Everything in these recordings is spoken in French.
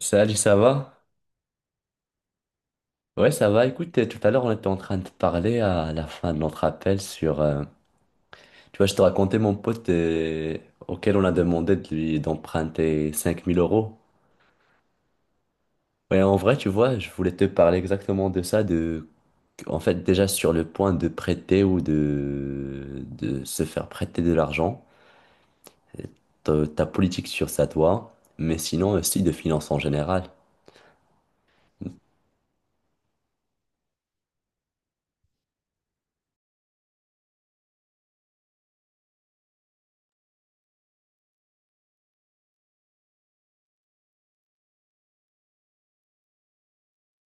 Salut, ça va? Ouais, ça va. Écoute, tout à l'heure, on était en train de parler à la fin de notre appel sur, tu vois, je te racontais mon pote auquel on a demandé de lui d'emprunter 5000 euros. Ouais, en vrai, tu vois, je voulais te parler exactement de ça, En fait, déjà sur le point de prêter ou de se faire prêter de l'argent, ta politique sur ça, toi, mais sinon aussi de finances en général.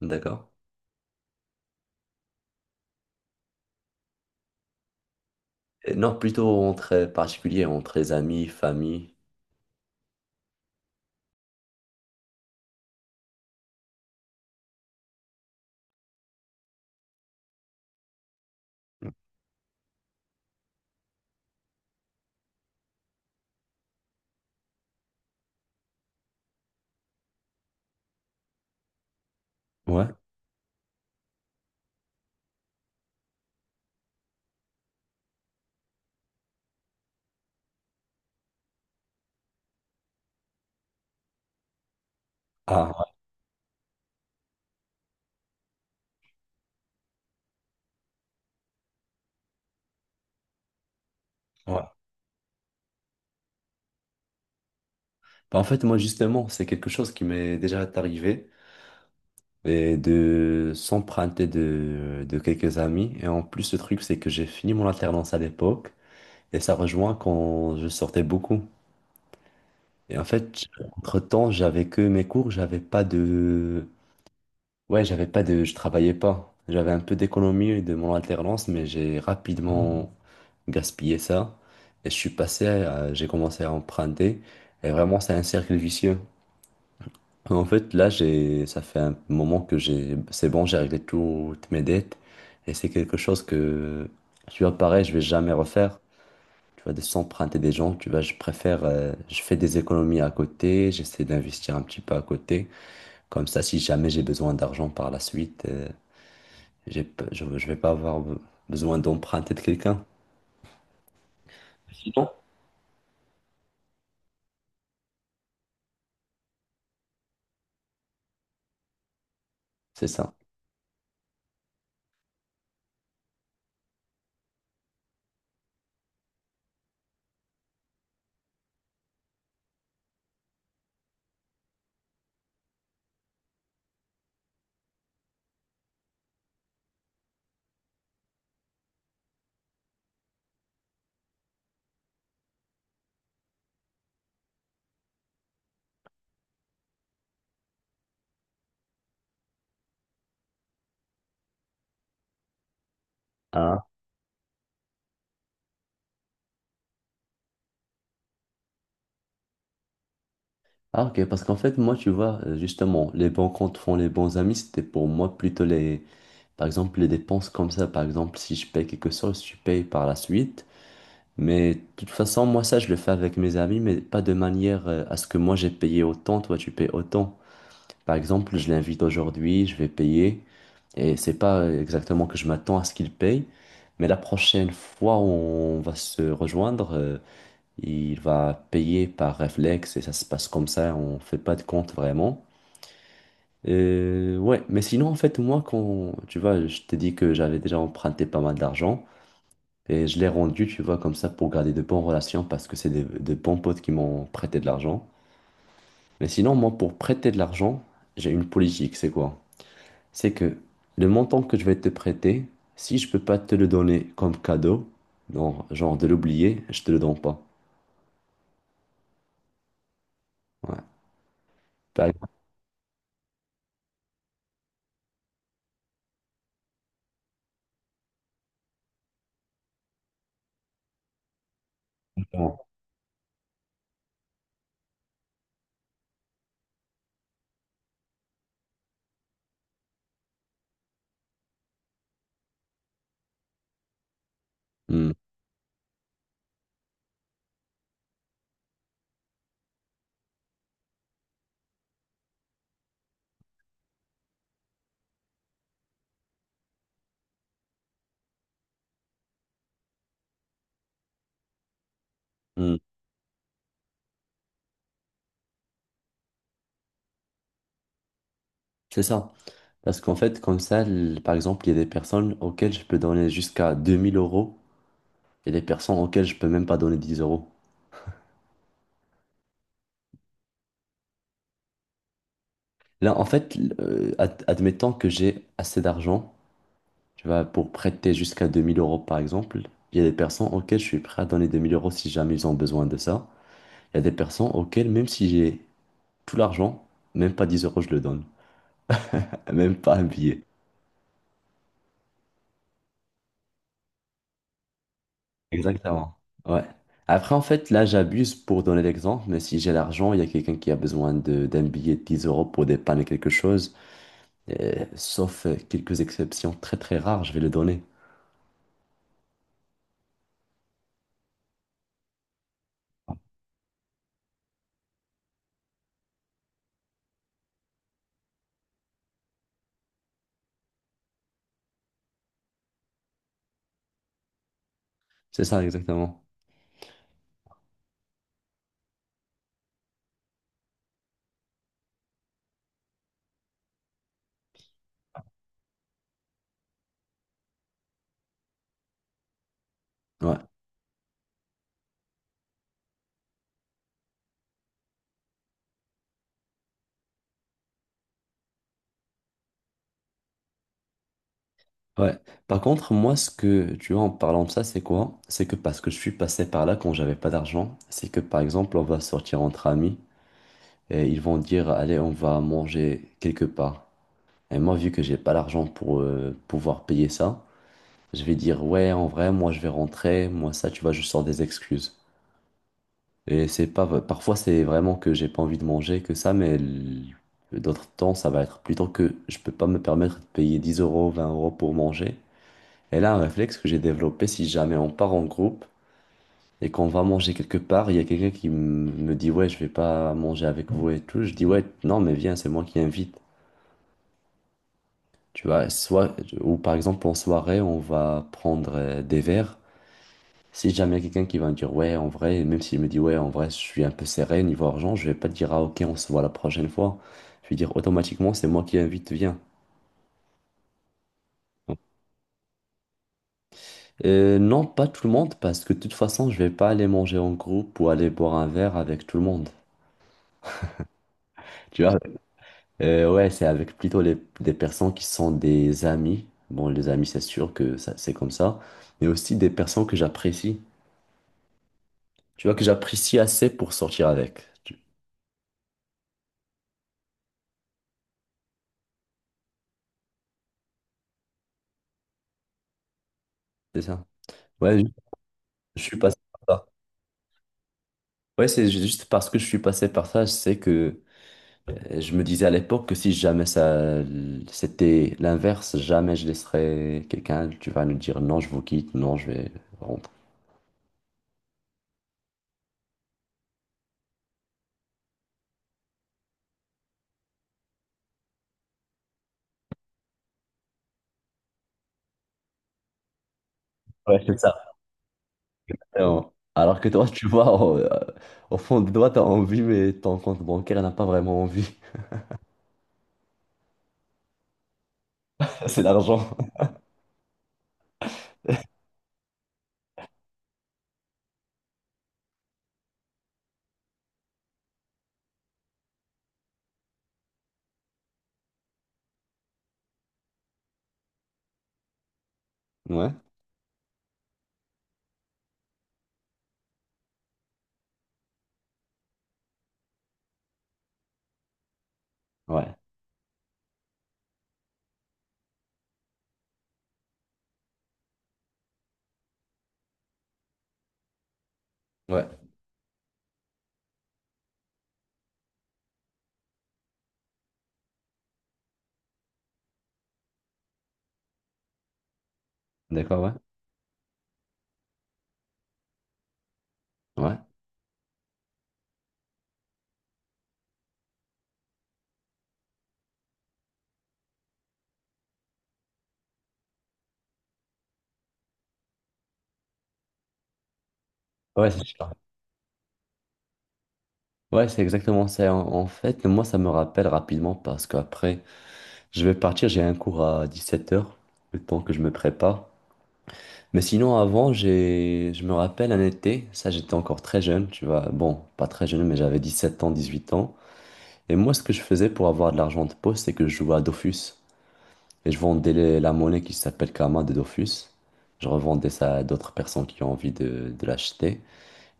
D'accord? Et non, plutôt entre particuliers, entre les amis, famille. Ouais. Ah. Ouais. Bah, en fait, moi, justement, c'est quelque chose qui m'est déjà arrivé et de s'emprunter de quelques amis. Et en plus, le truc, c'est que j'ai fini mon alternance à l'époque et ça rejoint quand je sortais beaucoup. Et en fait, entre-temps, j'avais que mes cours, j'avais pas de, ouais, j'avais pas de, je travaillais pas. J'avais un peu d'économie de mon alternance, mais j'ai rapidement gaspillé ça et je suis passé à, j'ai commencé à emprunter et vraiment, c'est un cercle vicieux. En fait, là, j'ai, ça fait un moment que j'ai, c'est bon, j'ai réglé toutes mes dettes et c'est quelque chose que, tu vois, pareil, je vais jamais refaire. Tu vois, de s'emprunter des gens, tu vois, je préfère, je fais des économies à côté, j'essaie d'investir un petit peu à côté. Comme ça, si jamais j'ai besoin d'argent par la suite, je vais pas avoir besoin d'emprunter de quelqu'un. Sinon, c'est ça. Hein. Ah, ok, parce qu'en fait, moi, tu vois, justement, les bons comptes font les bons amis, c'était pour moi plutôt les, par exemple, les dépenses comme ça. Par exemple, si je paye quelque chose, je paye par la suite. Mais de toute façon, moi, ça, je le fais avec mes amis, mais pas de manière à ce que moi, j'ai payé autant, toi, tu payes autant. Par exemple, je l'invite aujourd'hui, je vais payer, et c'est pas exactement que je m'attends à ce qu'il paye, mais la prochaine fois où on va se rejoindre, il va payer par réflexe et ça se passe comme ça, on fait pas de compte vraiment. Ouais, mais sinon, en fait, moi, quand, tu vois, je t'ai dit que j'avais déjà emprunté pas mal d'argent et je l'ai rendu, tu vois, comme ça pour garder de bonnes relations parce que c'est de bons potes qui m'ont prêté de l'argent. Mais sinon, moi, pour prêter de l'argent, j'ai une politique, c'est quoi? C'est que le montant que je vais te prêter, si je peux pas te le donner comme cadeau, non, genre de l'oublier, je te le donne pas. Ouais. Par exemple, hmm, hmm. C'est ça. Parce qu'en fait, comme ça, par exemple, il y a des personnes auxquelles je peux donner jusqu'à 2 000 € et des personnes auxquelles je peux même pas donner 10 euros. Là, en fait, admettons que j'ai assez d'argent, tu vois, pour prêter jusqu'à 2000 euros, par exemple, il y a des personnes auxquelles je suis prêt à donner 2 000 € si jamais ils ont besoin de ça. Il y a des personnes auxquelles, même si j'ai tout l'argent, même pas 10 euros, je le donne. Même pas un billet. Exactement. Ouais. Après, en fait, là, j'abuse pour donner l'exemple, mais si j'ai l'argent, il y a quelqu'un qui a besoin d'un billet de 10 € pour dépanner quelque chose, sauf quelques exceptions très très rares, je vais le donner. C'est ça, exactement. Ouais. Ouais. Par contre, moi, ce que, tu vois, en parlant de ça, c'est quoi? C'est que parce que je suis passé par là quand j'avais pas d'argent, c'est que, par exemple, on va sortir entre amis et ils vont dire, allez, on va manger quelque part. Et moi, vu que j'ai pas l'argent pour pouvoir payer ça, je vais dire, ouais, en vrai, moi, je vais rentrer, moi, ça, tu vois, je sors des excuses. Et c'est pas, parfois, c'est vraiment que j'ai pas envie de manger, que ça, mais d'autres temps, ça va être plutôt que je peux pas me permettre de payer 10 euros, 20 € pour manger. Et là, un réflexe que j'ai développé, si jamais on part en groupe et qu'on va manger quelque part, il y a quelqu'un qui me dit, ouais, je vais pas manger avec vous et tout. Je dis, ouais, non, mais viens, c'est moi qui invite. Tu vois, soit, ou par exemple, en soirée, on va prendre des verres. Si jamais il y a quelqu'un qui va me dire, ouais, en vrai, même s'il me dit, ouais, en vrai, je suis un peu serré niveau argent, je vais pas dire, ah, ok, on se voit la prochaine fois. Je vais dire, automatiquement, c'est moi qui invite, viens. Non, pas tout le monde, parce que de toute façon, je vais pas aller manger en groupe ou aller boire un verre avec tout le monde. Tu vois? Ouais, c'est avec plutôt les, des personnes qui sont des amis. Bon, les amis, c'est sûr que ça, c'est comme ça. Mais aussi des personnes que j'apprécie. Tu vois, que j'apprécie assez pour sortir avec. C'est ça? Ouais, je suis passé par là. Ouais, c'est juste parce que je suis passé par ça, je sais que je me disais à l'époque que si jamais ça c'était l'inverse, jamais je laisserais quelqu'un, tu vas nous dire non, je vous quitte, non, je vais rentrer. Ouais, c'est ça. Alors que toi, tu vois, au fond de toi, t'as envie, mais ton compte bancaire n'a pas vraiment envie. C'est l'argent. Ouais, ouais, ouais. D'accord, ouais. Ouais, ouais, c'est sûr. Ouais, c'est exactement ça. En fait, moi, ça me rappelle rapidement parce qu'après. Je vais partir, j'ai un cours à 17 h, le temps que je me prépare. Mais sinon, avant, j'ai, je me rappelle un été, ça j'étais encore très jeune, tu vois, bon, pas très jeune, mais j'avais 17 ans, 18 ans. Et moi, ce que je faisais pour avoir de l'argent de poste, c'est que je jouais à Dofus. Et je vendais la monnaie qui s'appelle Kama de Dofus. Je revendais ça à d'autres personnes qui ont envie de l'acheter.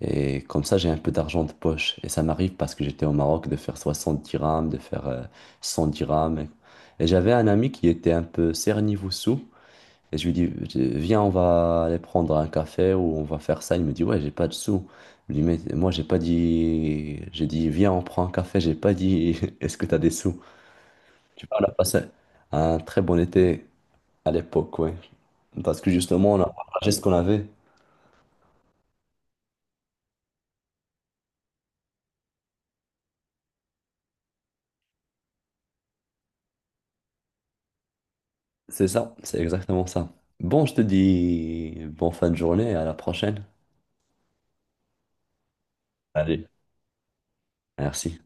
Et comme ça, j'ai un peu d'argent de poche. Et ça m'arrive parce que j'étais au Maroc de faire 60 dirhams, de faire 100 dirhams. Et j'avais un ami qui était un peu cerné sous. Et je lui dis, viens, on va aller prendre un café ou on va faire ça. Il me dit, ouais, j'ai pas de sous. Je lui dis, mais moi, j'ai pas dit. J'ai dit, viens, on prend un café. J'ai pas dit, est-ce que t'as des sous? Tu vois, on a passé un très bon été à l'époque, ouais. Parce que justement, on a partagé ce qu'on avait. C'est ça, c'est exactement ça. Bon, je te dis bon fin de journée, à la prochaine. Allez. Merci.